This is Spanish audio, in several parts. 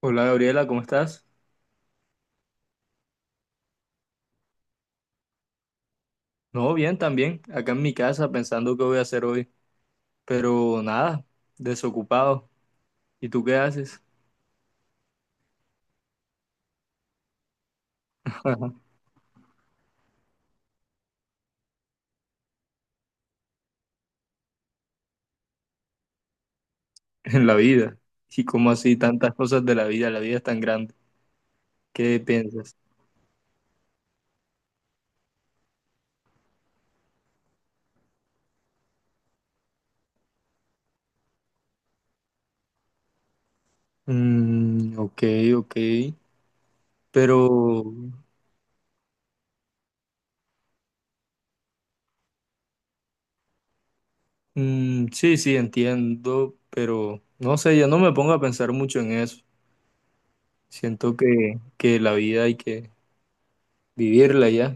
Hola Gabriela, ¿cómo estás? No, bien también, acá en mi casa pensando qué voy a hacer hoy, pero nada, desocupado. ¿Y tú qué haces en la vida? ¿Y cómo así tantas cosas de la vida? La vida es tan grande. ¿Qué piensas? Ok, ok, pero sí, sí, entiendo, pero no sé, yo no me pongo a pensar mucho en eso. Siento que la vida hay que vivirla ya.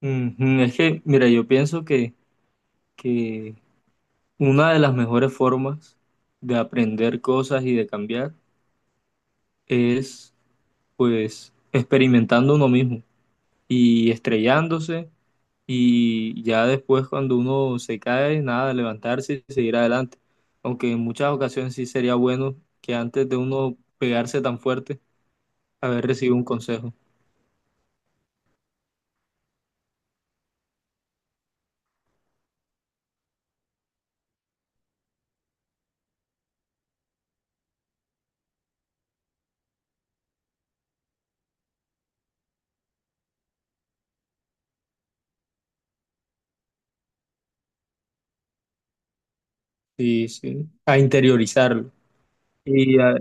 Ujú. Es que, mira, yo pienso que una de las mejores formas de aprender cosas y de cambiar es, pues, experimentando uno mismo y estrellándose, y ya después cuando uno se cae, nada, levantarse y seguir adelante. Aunque en muchas ocasiones sí sería bueno que antes de uno pegarse tan fuerte, haber recibido un consejo. Sí, sí, a interiorizarlo. Y, a-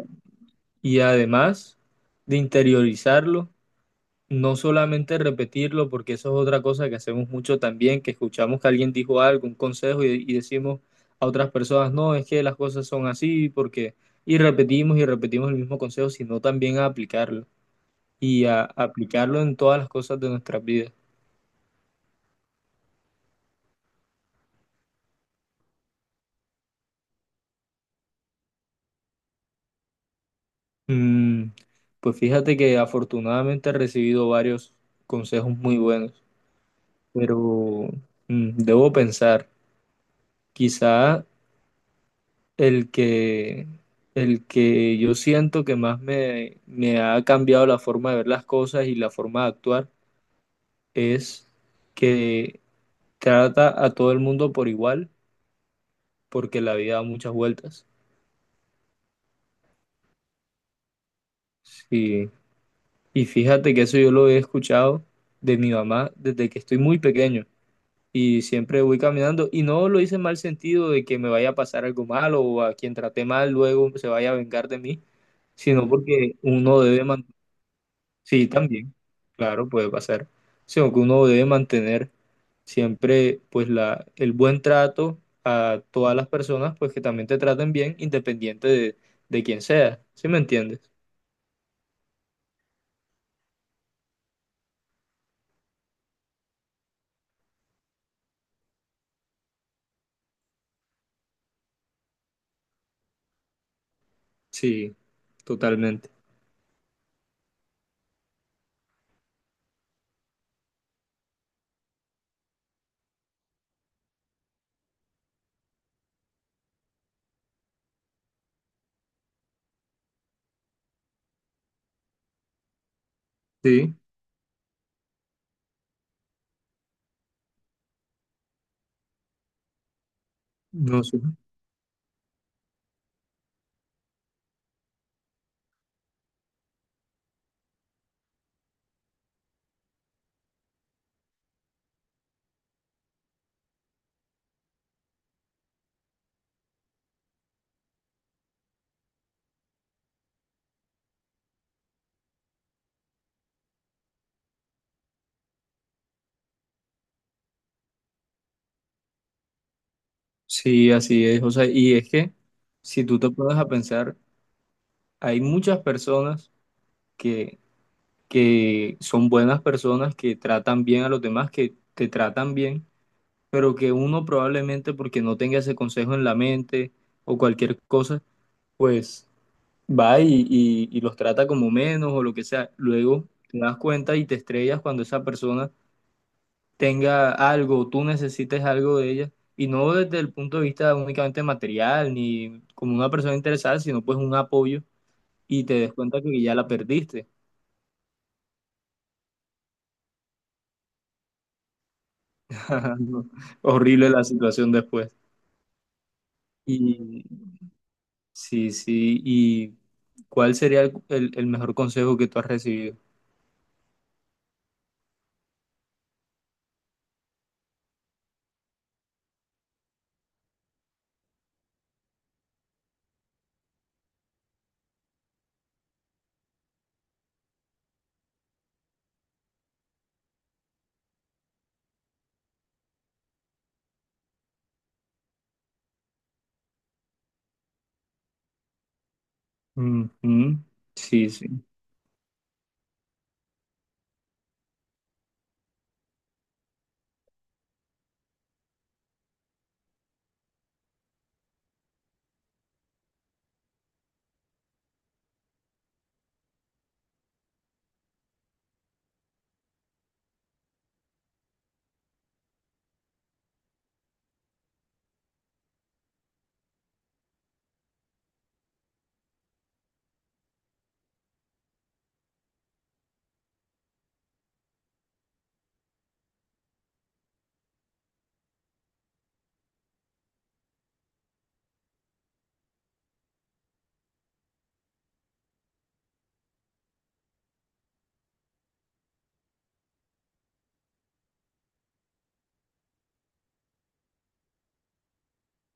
y además de interiorizarlo, no solamente repetirlo, porque eso es otra cosa que hacemos mucho también, que escuchamos que alguien dijo algo, un consejo, y decimos a otras personas, no, es que las cosas son así, porque, y repetimos el mismo consejo, sino también a aplicarlo, aplicarlo en todas las cosas de nuestras vidas. Mm, pues fíjate que afortunadamente he recibido varios consejos muy buenos, pero debo pensar, quizá. El que, el que yo siento que más me ha cambiado la forma de ver las cosas y la forma de actuar es que trata a todo el mundo por igual, porque la vida da muchas vueltas. Sí. Y fíjate que eso yo lo he escuchado de mi mamá desde que estoy muy pequeño, y siempre voy caminando y no lo hice en mal sentido de que me vaya a pasar algo malo o a quien traté mal luego se vaya a vengar de mí, sino porque uno debe mantener. Sí, también, claro, puede pasar. Sino que uno debe mantener siempre pues el buen trato a todas las personas, pues que también te traten bien, independiente de quién sea. ¿Sí me entiendes? Sí, totalmente. Sí, no sé. Sí, así es. O sea, y es que si tú te pones a pensar, hay muchas personas que, que son buenas personas, que tratan bien a los demás, que te tratan bien, pero que uno probablemente porque no tenga ese consejo en la mente o cualquier cosa, pues va y los trata como menos o lo que sea. Luego te das cuenta y te estrellas cuando esa persona tenga algo, o tú necesites algo de ella, y no desde el punto de vista únicamente material ni como una persona interesada, sino pues un apoyo y te des cuenta que ya la perdiste. No, horrible la situación después. Y sí, sí. ¿Y cuál sería el mejor consejo que tú has recibido? Ujú. Sí, sí.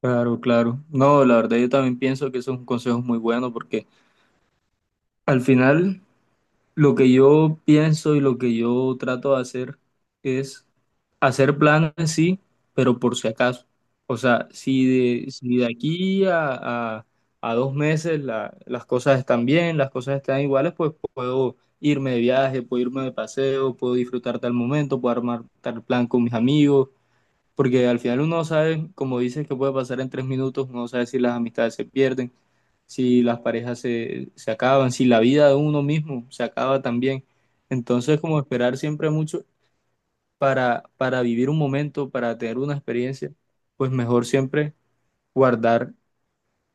Claro, claro. No, la verdad yo también pienso que eso es un consejo muy bueno porque al final, lo que yo pienso y lo que yo trato de hacer es hacer planes, sí, pero por si acaso. O sea, si de aquí a 2 meses las cosas están bien, las cosas están iguales, pues puedo irme de viaje, puedo irme de paseo, puedo disfrutar tal momento, puedo armar tal plan con mis amigos, porque al final uno no sabe, como dices, que puede pasar en 3 minutos, uno no sabe si las amistades se pierden, si las parejas se acaban, si la vida de uno mismo se acaba también. Entonces, como esperar siempre mucho para vivir un momento, para tener una experiencia, pues mejor siempre guardar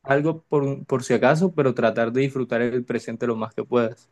algo por si acaso, pero tratar de disfrutar el presente lo más que puedas.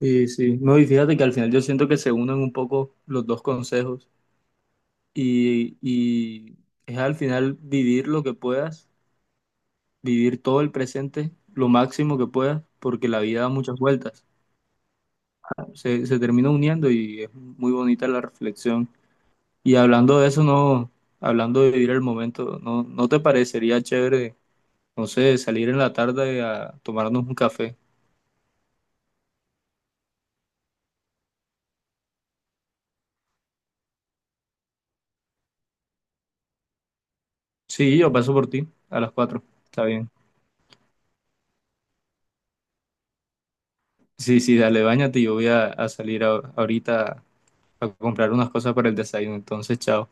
Y sí, no, y fíjate que al final yo siento que se unen un poco los dos consejos y es al final vivir lo que puedas, vivir todo el presente, lo máximo que puedas, porque la vida da muchas vueltas. Se termina uniendo y es muy bonita la reflexión. Y hablando de eso, no, hablando de vivir el momento, ¿ no te parecería chévere, no sé, salir en la tarde a tomarnos un café? Sí, yo paso por ti a las 4, está bien. Sí, sí, dale, báñate, yo voy a salir a- ahorita a comprar unas cosas para el desayuno, entonces, chao.